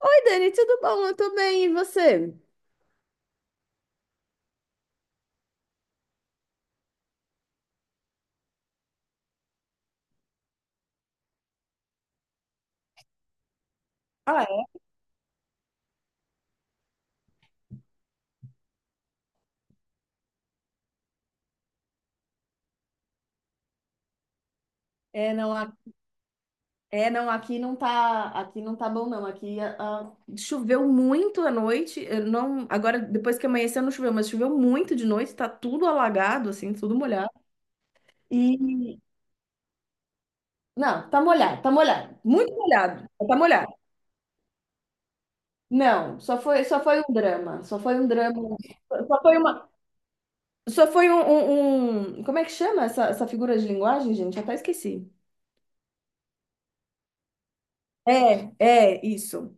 Oi, Dani, tudo bom? Eu tô bem, e você? Ah, é, É, não, é, não, aqui não tá bom, não. Aqui choveu muito à noite. Eu não, agora, depois que amanheceu, não choveu, mas choveu muito de noite, tá tudo alagado, assim, tudo molhado. E não, tá molhado, muito molhado, tá molhado. Não, só foi um drama, só foi um drama, só foi uma, só foi um, um- um- como é que chama essa figura de linguagem, gente? Eu até esqueci. É, é, isso.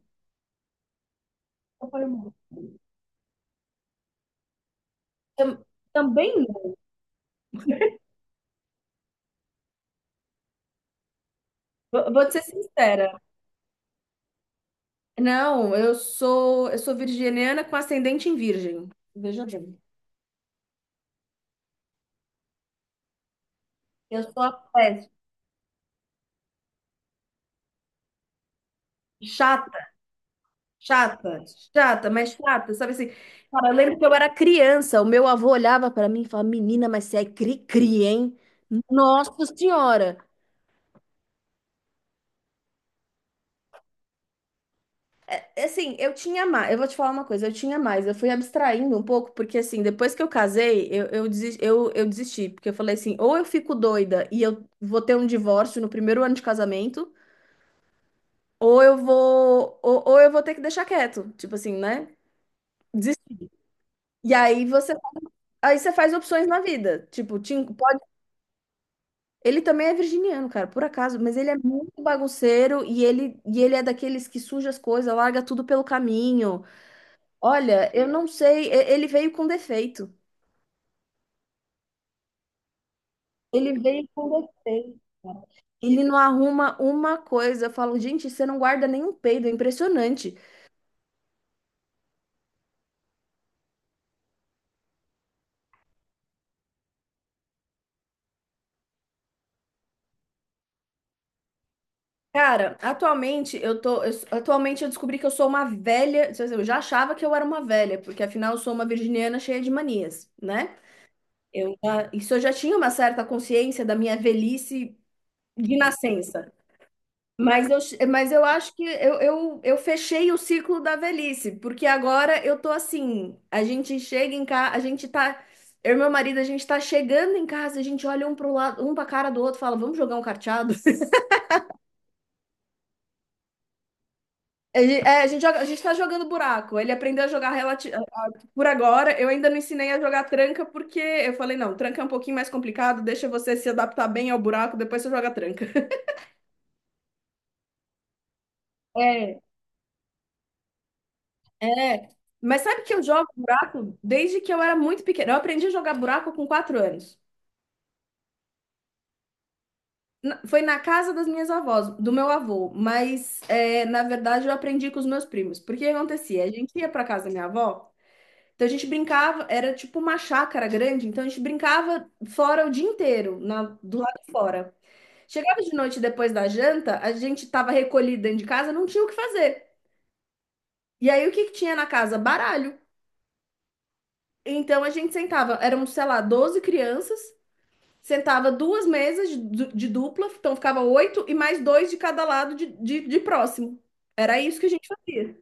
Tam- Também não. Vou te ser sincera. Não, eu sou virginiana com ascendente em virgem. Veja bem. Eu sou a peste. Chata, chata, chata, mas chata, sabe assim? Cara, eu lembro que eu era criança, o meu avô olhava pra mim e falava: Menina, mas você é cri-cri, hein? Nossa Senhora! Assim, eu tinha mais. Eu vou te falar uma coisa, eu tinha mais. Eu fui abstraindo um pouco, porque assim, depois que eu casei, eu desisti. Porque eu falei assim, ou eu fico doida e eu vou ter um divórcio no primeiro ano de casamento, ou eu vou ter que deixar quieto. Tipo assim, né? Desistir. E aí você faz opções na vida. Tipo, Tim, pode. Ele também é virginiano, cara, por acaso, mas ele é muito bagunceiro e ele é daqueles que suja as coisas, larga tudo pelo caminho. Olha, eu não sei, ele veio com defeito. Ele veio com defeito, cara. Ele não arruma uma coisa. Eu falo, gente, você não guarda nenhum peido, é impressionante. Cara, atualmente eu descobri que eu sou uma velha, quer dizer, eu já achava que eu era uma velha, porque afinal eu sou uma virginiana cheia de manias, né? Isso eu já tinha uma certa consciência da minha velhice de nascença. Mas eu acho que eu fechei o ciclo da velhice, porque agora eu tô assim, a gente chega em casa, a gente tá, eu e meu marido, a gente tá chegando em casa, a gente olha um pro lado, um pra cara do outro, fala, vamos jogar um carteado? A gente tá jogando buraco, ele aprendeu a jogar. Por agora, eu ainda não ensinei a jogar tranca, porque eu falei, não, tranca é um pouquinho mais complicado, deixa você se adaptar bem ao buraco, depois você joga tranca. É. É, mas sabe que eu jogo buraco desde que eu era muito pequena. Eu aprendi a jogar buraco com quatro anos. Foi na casa das minhas avós, do meu avô, mas é, na verdade eu aprendi com os meus primos. Porque o que acontecia? A gente ia para casa da minha avó, então a gente brincava, era tipo uma chácara grande, então a gente brincava fora o dia inteiro, do lado de fora. Chegava de noite depois da janta, a gente estava recolhido dentro de casa, não tinha o que fazer. E aí o que que tinha na casa? Baralho. Então a gente sentava, eram, sei lá, 12 crianças. Sentava duas mesas de dupla, então ficava oito e mais dois de cada lado de, de próximo. Era isso que a gente fazia.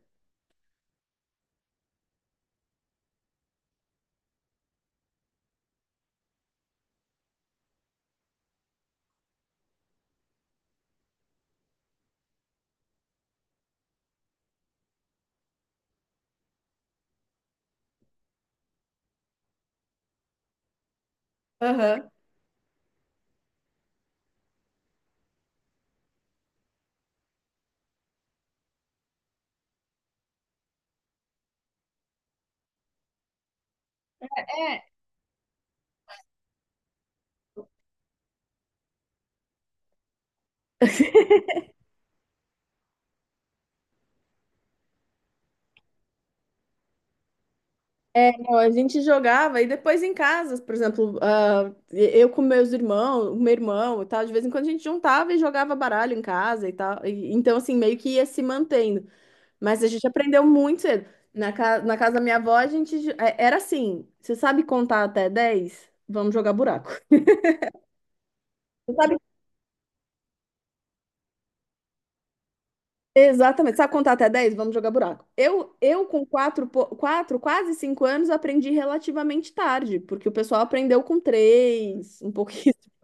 Aham. É, não, a gente jogava e depois em casa, por exemplo, eu com meus irmãos, o meu irmão e tal, de vez em quando a gente juntava e jogava baralho em casa e tal. Então, assim, meio que ia se mantendo. Mas a gente aprendeu muito cedo. Na casa da minha avó, a gente era assim: você sabe contar até 10, vamos jogar buraco. Você sabe Exatamente. Sabe contar até dez, vamos jogar buraco. Eu com 4, quatro quase 5 anos, aprendi relativamente tarde, porque o pessoal aprendeu com três um pouquinho.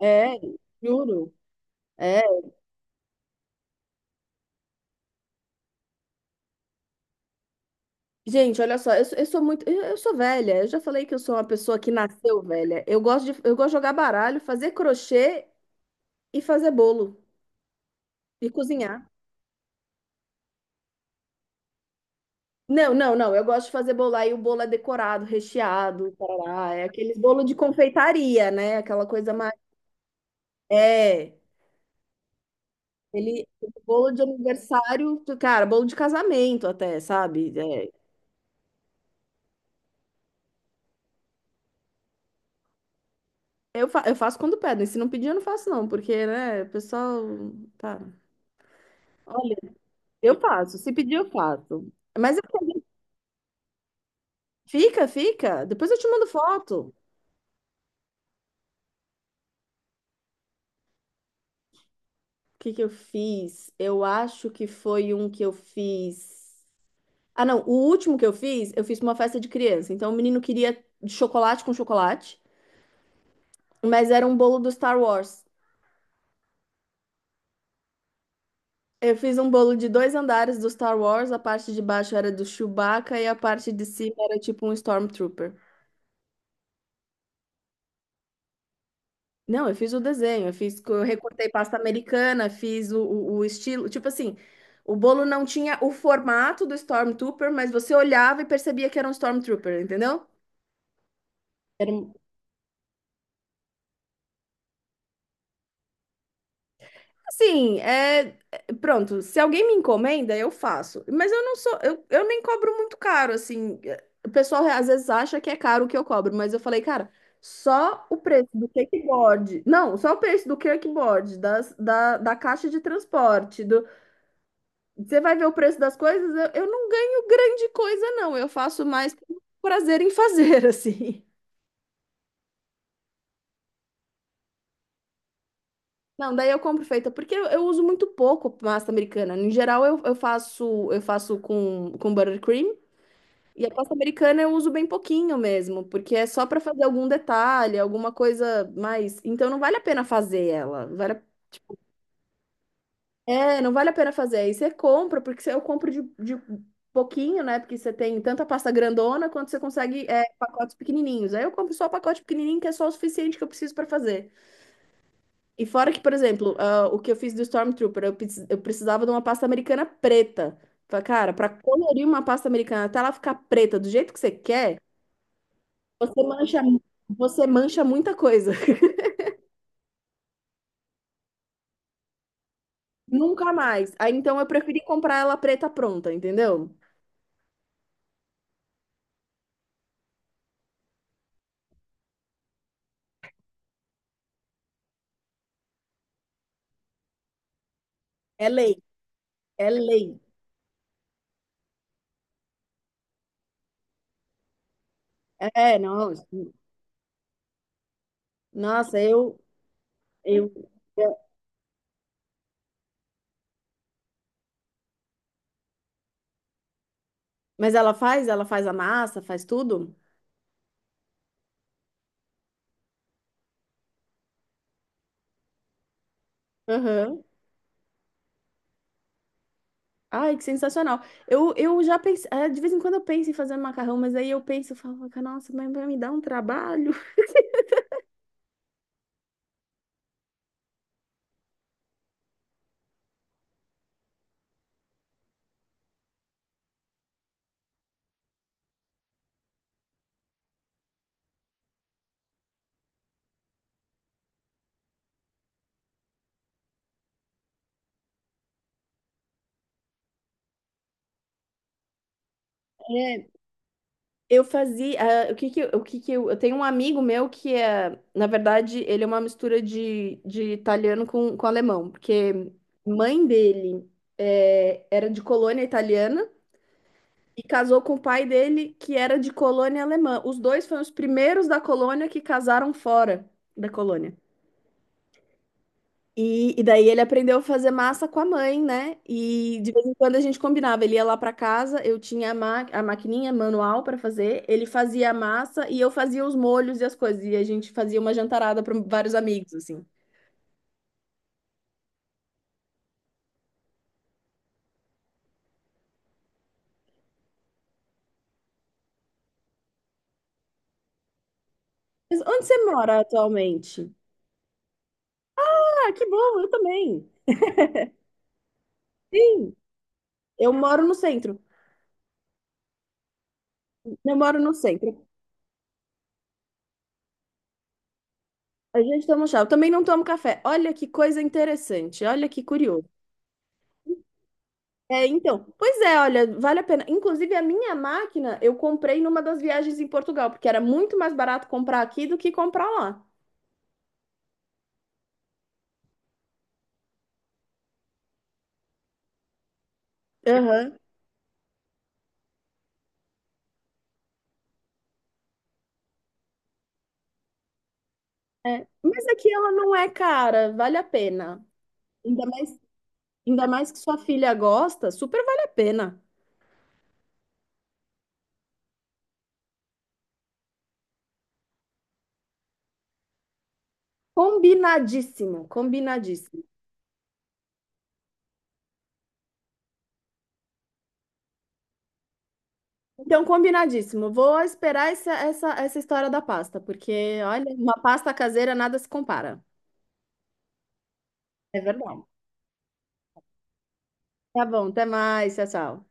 É, juro. É. Gente, olha só, eu sou muito. Eu sou velha. Eu já falei que eu sou uma pessoa que nasceu velha. Eu gosto de jogar baralho, fazer crochê e fazer bolo e cozinhar. Não, não, não. Eu gosto de fazer bolo. Aí o bolo é decorado, recheado, tarará. É aqueles bolo de confeitaria, né? Aquela coisa mais. É. Ele, Bolo de aniversário, cara, bolo de casamento até, sabe? É, eu faço quando pedem. Se não pedir, eu não faço, não, porque, né, o pessoal. Tá. Olha, eu faço. Se pedir, eu faço. Mas eu falei, fica, fica. Depois eu te mando foto. O que que eu fiz? Eu acho que foi um que eu fiz. Ah, não, o último que eu fiz pra uma festa de criança. Então o menino queria chocolate com chocolate, mas era um bolo do Star Wars. Eu fiz um bolo de dois andares do Star Wars, a parte de baixo era do Chewbacca e a parte de cima era tipo um Stormtrooper. Não, eu fiz o desenho, eu fiz, eu recortei pasta americana, fiz o estilo, tipo assim, o bolo não tinha o formato do Stormtrooper, mas você olhava e percebia que era um Stormtrooper, entendeu? Assim, pronto, se alguém me encomenda, eu faço. Mas eu não sou, eu nem cobro muito caro, assim. É, o pessoal às vezes acha que é caro o que eu cobro, mas eu falei, cara, só o preço do kickboard. Não, só o preço do kickboard, da caixa de transporte, do... Você vai ver o preço das coisas, eu não ganho grande coisa, não. Eu faço mais por prazer em fazer, assim. Não, daí eu compro feita, porque eu uso muito pouco massa americana. Em geral, eu faço com buttercream. E a pasta americana eu uso bem pouquinho mesmo, porque é só para fazer algum detalhe, alguma coisa mais. Então não vale a pena fazer ela. É, não vale a pena fazer. Aí você compra, porque eu compro de, pouquinho, né? Porque você tem tanta pasta grandona quanto você consegue, pacotes pequenininhos. Aí eu compro só o pacote pequenininho, que é só o suficiente que eu preciso para fazer. E fora que, por exemplo, o que eu fiz do Stormtrooper, eu precisava de uma pasta americana preta. Falei, cara, para colorir uma pasta americana até ela ficar preta do jeito que você quer. Você mancha, você mancha muita coisa. Nunca mais. Aí então eu preferi comprar ela preta pronta, entendeu? É lei, é lei. É, não. Nossa, eu. eu- mas ela faz a massa, faz tudo? Aham. Ai, que sensacional. Eu já pensei, de vez em quando eu penso em fazer um macarrão, mas aí eu penso, eu falo, nossa, mas vai me dar um trabalho. É, eu- o que que eu tenho um amigo meu que é, na verdade, ele é uma mistura de, italiano com, alemão, porque mãe dele era de colônia italiana e casou com o pai dele que era de colônia alemã. Os dois foram os primeiros da colônia que casaram fora da colônia. E daí ele aprendeu a fazer massa com a mãe, né? E de vez em quando a gente combinava. Ele ia lá para casa, eu tinha a maquininha manual para fazer, ele fazia a massa e eu fazia os molhos e as coisas. E a gente fazia uma jantarada para vários amigos, assim. Mas onde você mora atualmente? Ah, que bom, eu também. Sim, eu moro no centro. Eu moro no centro. A gente toma chá. Eu também não tomo café. Olha que coisa interessante, olha que curioso. É, então, pois é, olha, vale a pena. Inclusive, a minha máquina eu comprei numa das viagens em Portugal, porque era muito mais barato comprar aqui do que comprar lá. Aham. É, mas aqui ela não é cara, vale a pena. Ainda mais, ainda mais que sua filha gosta, super vale a pena. Combinadíssimo, combinadíssimo. Então, combinadíssimo. Vou esperar essa história da pasta, porque, olha, uma pasta caseira nada se compara. É verdade. Tá bom, até mais, tchau, tchau.